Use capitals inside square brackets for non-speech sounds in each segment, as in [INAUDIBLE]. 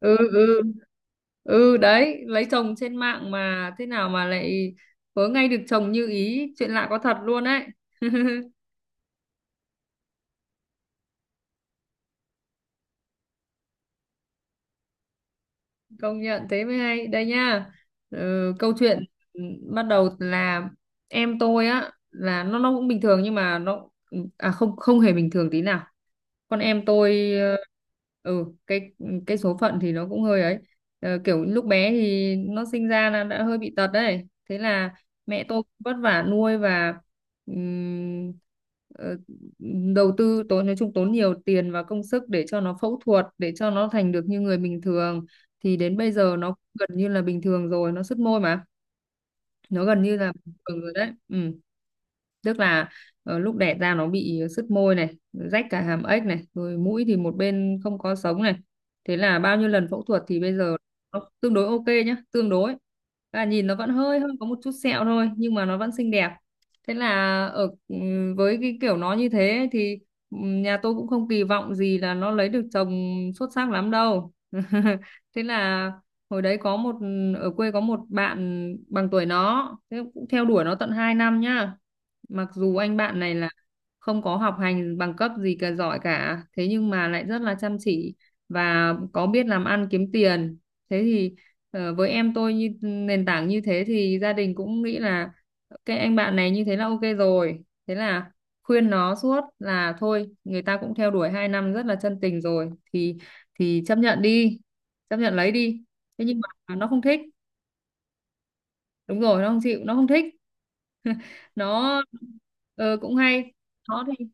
Ừ, ừ, ừ. Đấy, lấy chồng trên mạng mà thế nào mà lại vớ ngay được chồng như ý, chuyện lạ có thật luôn đấy. [LAUGHS] Công nhận thế mới hay đây nha. Ừ, câu chuyện, ừ, bắt đầu là em tôi á, là nó cũng bình thường nhưng mà nó, à không, không hề bình thường tí nào. Con em tôi, ừ cái cái số phận thì nó cũng hơi ấy. Ờ, kiểu lúc bé thì nó sinh ra là đã hơi bị tật đấy, thế là mẹ tôi vất vả nuôi và ừm, ờ, đầu tư tốn, nói chung tốn nhiều tiền và công sức để cho nó phẫu thuật, để cho nó thành được như người bình thường. Thì đến bây giờ nó gần như là bình thường rồi, nó sứt môi mà, nó gần như là bình thường rồi đấy, ừ. Tức là lúc đẻ ra nó bị sứt môi này, rách cả hàm ếch này, rồi mũi thì một bên không có sống này, thế là bao nhiêu lần phẫu thuật thì bây giờ nó tương đối ok nhá, tương đối, và nhìn nó vẫn hơi hơi có một chút sẹo thôi nhưng mà nó vẫn xinh đẹp. Thế là ở với cái kiểu nó như thế ấy thì nhà tôi cũng không kỳ vọng gì là nó lấy được chồng xuất sắc lắm đâu. [LAUGHS] Thế là hồi đấy có một ở quê có một bạn bằng tuổi nó, thế cũng theo đuổi nó tận 2 năm nhá. Mặc dù anh bạn này là không có học hành bằng cấp gì cả giỏi cả, thế nhưng mà lại rất là chăm chỉ và có biết làm ăn kiếm tiền. Thế thì với em tôi như nền tảng như thế thì gia đình cũng nghĩ là cái anh bạn này như thế là ok rồi, thế là khuyên nó suốt là thôi, người ta cũng theo đuổi 2 năm rất là chân tình rồi thì chấp nhận đi, chấp nhận lấy đi. Thế nhưng mà nó không thích. Đúng rồi, nó không chịu, nó không thích. Nó cũng hay. Nó thì,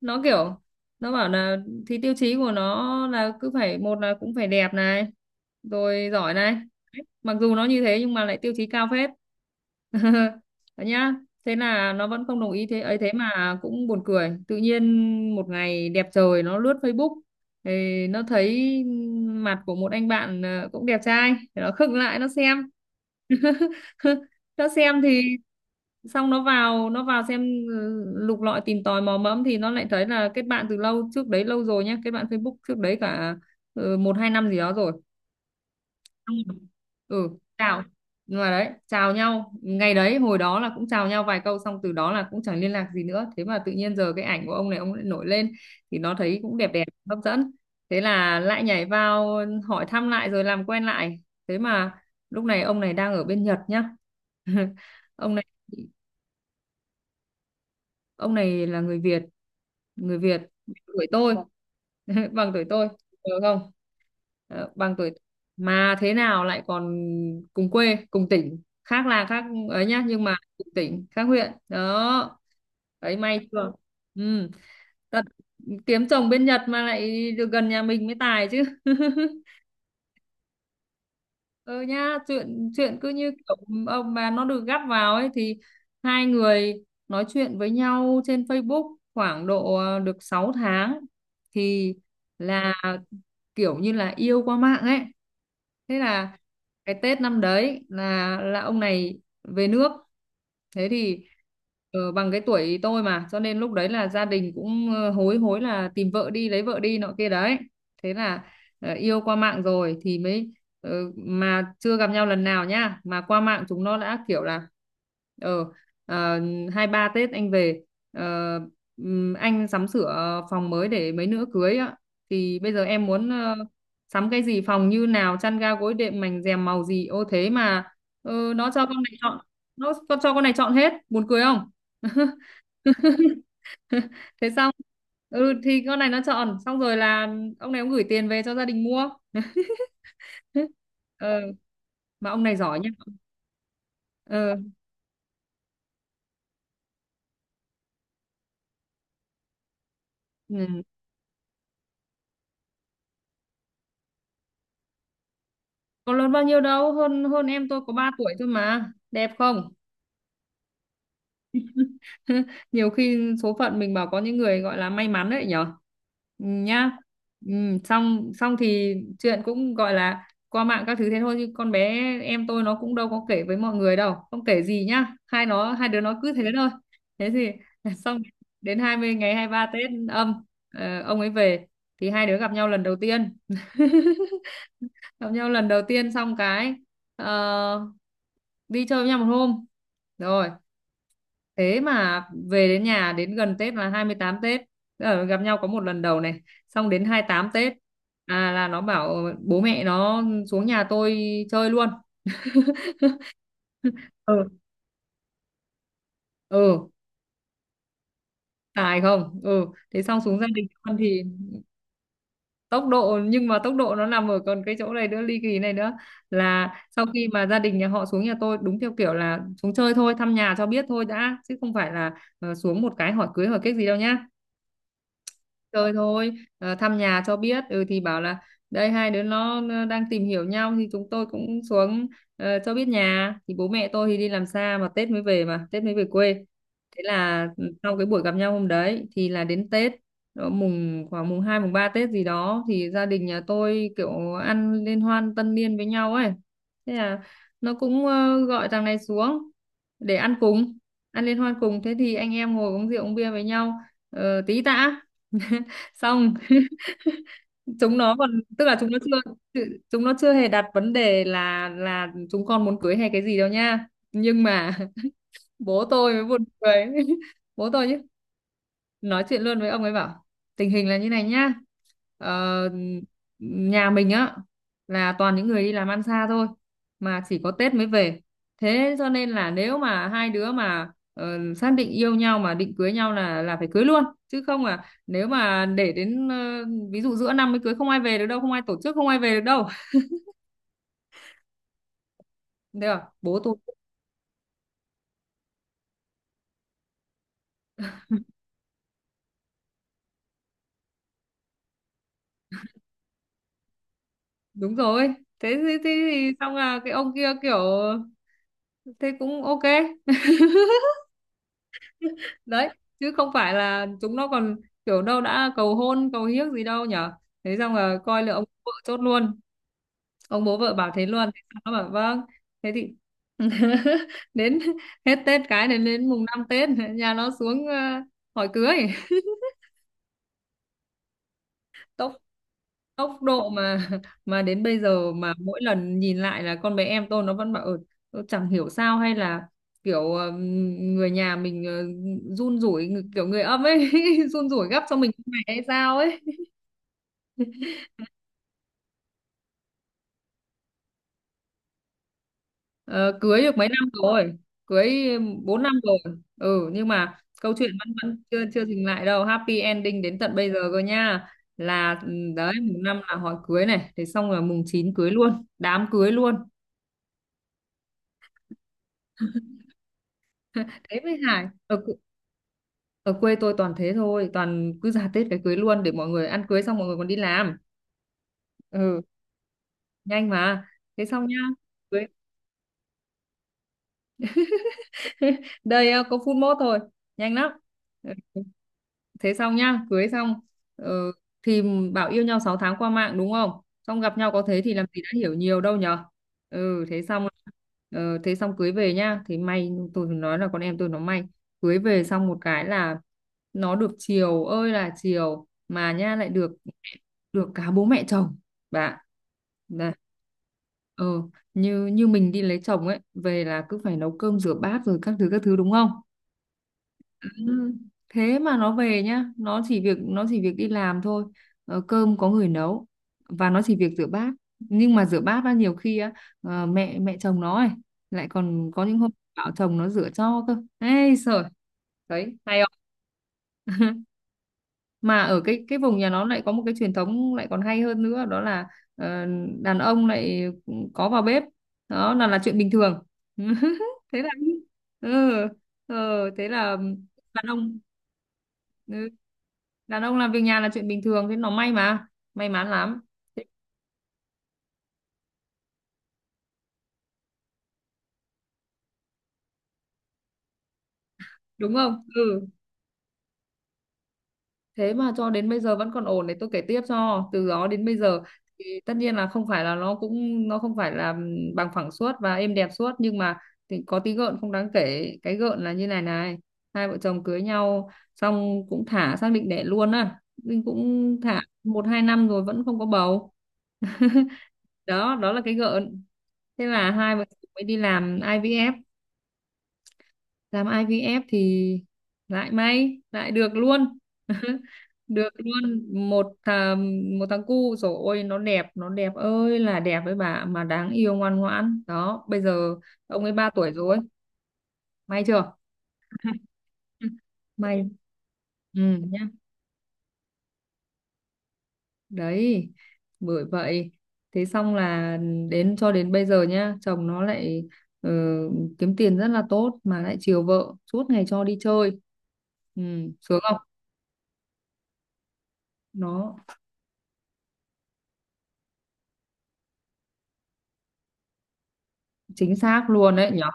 nó kiểu, nó bảo là thì tiêu chí của nó là cứ phải, một là cũng phải đẹp này, rồi giỏi này. Đấy, mặc dù nó như thế nhưng mà lại tiêu chí cao phết. [LAUGHS] Đấy nhá. Thế là nó vẫn không đồng ý thế ấy, thế mà cũng buồn cười, tự nhiên một ngày đẹp trời nó lướt Facebook thì nó thấy mặt của một anh bạn, cũng đẹp trai, thì nó khựng lại nó xem. [LAUGHS] Cho xem thì xong nó vào, xem, ừ, lục lọi tìm tòi mò mẫm thì nó lại thấy là kết bạn từ lâu trước đấy lâu rồi nhá, kết bạn Facebook trước đấy cả, ừ, một hai năm gì đó rồi. Ừ chào nhưng mà đấy, chào nhau ngày đấy hồi đó là cũng chào nhau vài câu xong từ đó là cũng chẳng liên lạc gì nữa, thế mà tự nhiên giờ cái ảnh của ông này ông lại nổi lên thì nó thấy cũng đẹp đẹp, hấp dẫn. Thế là lại nhảy vào hỏi thăm lại rồi làm quen lại. Thế mà lúc này ông này đang ở bên Nhật nhá. [LAUGHS] ông này ông này là người Việt, người Việt, tuổi tôi, [LAUGHS] bằng tuổi tôi được không? Ờ, bằng tuổi, mà thế nào lại còn cùng quê, cùng tỉnh khác là khác ấy nhá, nhưng mà cùng tỉnh khác huyện đó. Đấy, may chưa, ừ. Thật, kiếm chồng bên Nhật mà lại được gần nhà mình mới tài chứ. [LAUGHS] Ừ nha, chuyện chuyện cứ như kiểu ông bà nó được gắp vào ấy, thì hai người nói chuyện với nhau trên Facebook khoảng độ được 6 tháng, thì là kiểu như là yêu qua mạng ấy. Thế là cái Tết năm đấy là ông này về nước. Thế thì bằng cái tuổi tôi mà, cho nên lúc đấy là gia đình cũng hối hối là tìm vợ đi, lấy vợ đi nọ kia đấy. Thế là yêu qua mạng rồi thì mới, ờ, mà chưa gặp nhau lần nào nhá, mà qua mạng chúng nó đã kiểu là ờ ờ, 23 Tết anh về, ờ, anh sắm sửa phòng mới để mấy nữa cưới á, thì bây giờ em muốn sắm cái gì, phòng như nào, chăn ga gối đệm mành rèm màu gì, ô thế mà nó cho con này chọn. Con cho con này chọn hết, buồn cười không? [LAUGHS] [LAUGHS] Thế xong ừ thì con này nó chọn xong rồi là ông này ông gửi tiền về cho gia đình mua. [LAUGHS] ờ mà ông này giỏi nhá. ờ ừ. Có lớn bao nhiêu đâu, hơn hơn em tôi có 3 tuổi thôi mà, đẹp không? [LAUGHS] Nhiều khi số phận mình bảo có những người gọi là may mắn đấy nhở. Ừ, nhá. Ừ, xong xong thì chuyện cũng gọi là qua mạng các thứ thế thôi, chứ con bé em tôi nó cũng đâu có kể với mọi người đâu, không kể gì nhá, hai đứa nó cứ thế thôi. Thế thì [LAUGHS] xong, đến 23 Tết âm, ông ấy về thì hai đứa gặp nhau lần đầu tiên. [LAUGHS] Gặp nhau lần đầu tiên xong cái ờ, đi chơi với nhau một hôm rồi. Thế mà về đến nhà, đến gần Tết là 28 Tết, gặp nhau có một lần đầu này, xong đến 28 Tết, à, là nó bảo bố mẹ nó xuống nhà tôi chơi luôn. Ừ, ừ, tài không, ừ. Thế xong xuống gia đình con thì, tốc độ nhưng mà tốc độ nó nằm ở còn cái chỗ này nữa, ly kỳ này nữa, là sau khi mà gia đình nhà họ xuống nhà tôi đúng theo kiểu là xuống chơi thôi, thăm nhà cho biết thôi đã, chứ không phải là xuống một cái hỏi cưới hỏi kết gì đâu nhá. Chơi thôi, thăm nhà cho biết. Ừ thì bảo là đây hai đứa nó đang tìm hiểu nhau thì chúng tôi cũng xuống cho biết nhà. Thì bố mẹ tôi thì đi làm xa mà Tết mới về quê. Thế là ừ, sau cái buổi gặp nhau hôm đấy thì là đến Tết, mùng 2 mùng 3 Tết gì đó, thì gia đình nhà tôi kiểu ăn liên hoan tân niên với nhau ấy. Thế là nó cũng gọi thằng này xuống để ăn cùng, ăn liên hoan cùng. Thế thì anh em ngồi uống rượu uống bia với nhau tí tã. [LAUGHS] Xong chúng nó còn, tức là chúng nó chưa hề đặt vấn đề là chúng con muốn cưới hay cái gì đâu nha, nhưng mà [LAUGHS] bố tôi mới buồn cười. [LAUGHS] Bố tôi nói chuyện luôn với ông ấy bảo tình hình là như này nhá, ờ, nhà mình á là toàn những người đi làm ăn xa thôi, mà chỉ có Tết mới về, thế cho nên là nếu mà hai đứa mà xác định yêu nhau mà định cưới nhau là phải cưới luôn chứ không, à nếu mà để đến, ví dụ giữa năm mới cưới, không ai về được đâu, không ai tổ chức, không ai về được đâu. Thế à bố tôi, đúng rồi, thế thì xong là cái ông kia kiểu thế cũng ok. Đấy, chứ không phải là chúng nó còn kiểu đâu, đã cầu hôn cầu hiếc gì đâu nhở. Thế xong là coi là ông bố vợ chốt luôn. Ông bố vợ bảo thế luôn, thế xong nó bảo vâng. Thế thì [LAUGHS] đến hết Tết, cái này đến mùng 5 Tết nhà nó xuống hỏi cưới. Tốc tốc độ mà, [LAUGHS] mà đến bây giờ mà mỗi lần nhìn lại là con bé em tôi nó vẫn bảo ừ, tôi chẳng hiểu sao, hay là kiểu người nhà mình run rủi, kiểu người âm ấy, [LAUGHS] run rủi gấp cho mình như này hay sao ấy. Ờ, cưới được mấy năm rồi, cưới 4 năm rồi. Ừ nhưng mà câu chuyện vẫn vẫn chưa chưa dừng lại đâu, happy ending đến tận bây giờ cơ nha. Là ừ, đấy mùng 5 là hỏi cưới này, thế xong là mùng 9 cưới luôn, đám cưới luôn. [LAUGHS] Thế mới hài, ở quê tôi toàn thế thôi, toàn cứ ra Tết cái cưới luôn để mọi người ăn cưới xong mọi người còn đi làm. Ừ nhanh mà. Thế xong nhá cưới, [LAUGHS] đây có phút mốt thôi, nhanh lắm. Ừ, thế Xong nhá, cưới xong. ờ, thì bảo yêu nhau 6 tháng qua mạng, đúng không? Xong gặp nhau có thế thì làm gì đã hiểu nhiều đâu nhở. Ừ, thế xong. Thế xong cưới về nhá, thì may, tôi nói là con em tôi nó may. Cưới về xong một cái là nó được chiều ơi là chiều, mà nha, lại được, được cả bố mẹ chồng, bạn. Nè, ừ, như như mình đi lấy chồng ấy, về là cứ phải nấu cơm rửa bát rồi các thứ đúng không? Ừ. Thế mà nó về nhá, nó chỉ việc đi làm thôi. Cơm có người nấu, và nó chỉ việc rửa bát. Nhưng mà rửa bát á, nhiều khi á, mẹ mẹ chồng nó ấy lại còn có những hôm bảo chồng nó rửa cho cơ, ê sợ. Đấy, hay không? [LAUGHS] Mà ở cái vùng nhà nó lại có một cái truyền thống lại còn hay hơn nữa, đó là ờ, đàn ông lại có vào bếp, đó là chuyện bình thường. [LAUGHS] Thế là, ừ, ừ, thế là đàn ông, ừ, đàn ông làm việc nhà là chuyện bình thường. Thế nó may mà, may mắn lắm. Thế- Đúng không? Ừ, thế mà cho đến bây giờ vẫn còn ổn, để tôi kể tiếp cho. Từ đó đến bây giờ thì tất nhiên là không phải là nó không phải là bằng phẳng suốt và êm đẹp suốt, nhưng mà thì có tí gợn không đáng kể. Cái gợn là như này này: hai vợ chồng cưới nhau xong cũng thả, xác định đẻ luôn á, nhưng cũng thả 1-2 năm rồi vẫn không có bầu. [LAUGHS] Đó, đó là cái gợn. Thế là hai vợ chồng mới đi làm IVF. Làm IVF thì lại may, lại được luôn. [LAUGHS] Được luôn một thằng cu rồi. Ôi, nó đẹp, nó đẹp ơi là đẹp, với bà, mà đáng yêu, ngoan ngoãn đó. Bây giờ ông ấy 3 tuổi rồi, may chưa? [LAUGHS] Ừ. May, ừ, nhá, đấy, bởi vậy. Thế xong là cho đến bây giờ nhá, chồng nó lại ờ, kiếm tiền rất là tốt, mà lại chiều vợ, suốt ngày cho đi chơi. Ừ, sướng không? Nó chính xác luôn đấy nhở.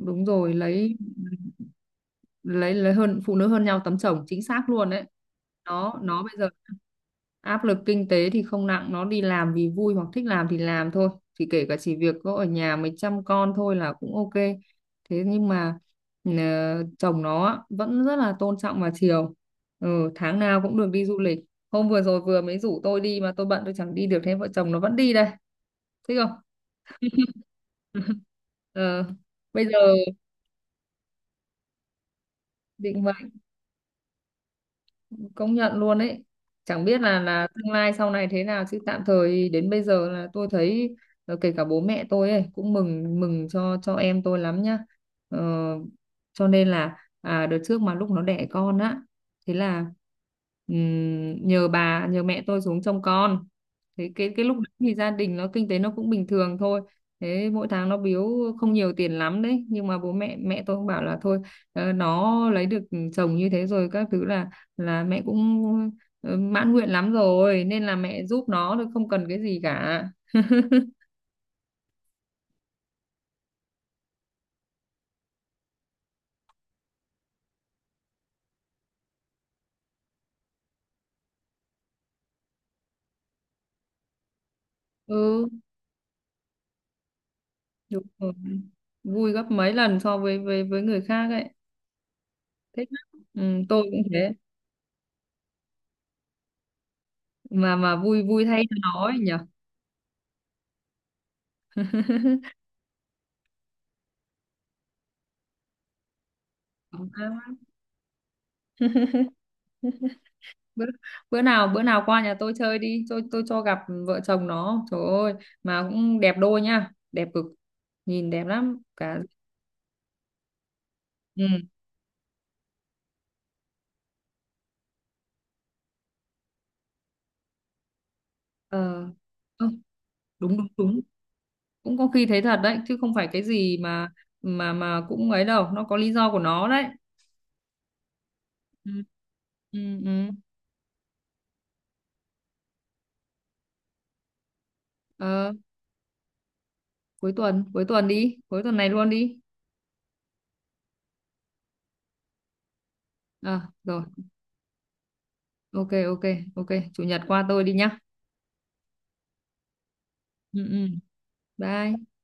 Đúng rồi, lấy hơn, phụ nữ hơn nhau tấm chồng, chính xác luôn đấy. Nó bây giờ áp lực kinh tế thì không nặng, nó đi làm vì vui hoặc thích làm thì làm thôi, thì kể cả chỉ việc có ở nhà mới chăm con thôi là cũng ok. Thế nhưng mà ờ, chồng nó á, vẫn rất là tôn trọng và chiều. Ừ, tháng nào cũng được đi du lịch. Hôm vừa rồi vừa mới rủ tôi đi mà tôi bận, tôi chẳng đi được, thế vợ chồng nó vẫn đi đây. Thích không? [LAUGHS] ờ, Bây giờ định, công nhận luôn ấy. Chẳng biết là tương lai sau này thế nào, chứ tạm thời đến bây giờ là tôi thấy kể cả bố mẹ tôi ấy cũng mừng mừng cho em tôi lắm nhá. ờ, cho nên là à, đợt trước mà lúc nó đẻ con á, thế là nhờ mẹ tôi xuống trông con. Thế cái lúc đấy thì gia đình nó kinh tế nó cũng bình thường thôi, thế mỗi tháng nó biếu không nhiều tiền lắm đấy. Nhưng mà bố mẹ mẹ tôi cũng bảo là thôi, nó lấy được chồng như thế rồi các thứ, là mẹ cũng mãn nguyện lắm rồi, nên là mẹ giúp nó thôi, không cần cái gì cả. Ừ, đúng rồi. Vui gấp mấy lần so với với người khác ấy, thích lắm. Ừ, tôi cũng thế. Mà vui, vui thay cho nó ấy nhỉ. Đúng không? [LAUGHS] bữa, bữa nào qua nhà tôi chơi đi, tôi cho gặp vợ chồng nó. Trời ơi, mà cũng đẹp đôi nha, đẹp cực, nhìn đẹp lắm cả. Ừ. Ờ, ờ, đúng đúng đúng. Cũng có khi thấy thật đấy, chứ không phải cái gì mà cũng ấy đâu, nó có lý do của nó đấy. Ừ. Ừ, ừ. Ờ, cuối tuần, cuối tuần đi, cuối tuần này luôn đi. Ờ, rồi. Ok, ok, ok. Chủ nhật qua tôi đi nhá. Ừ, ừ. Bye.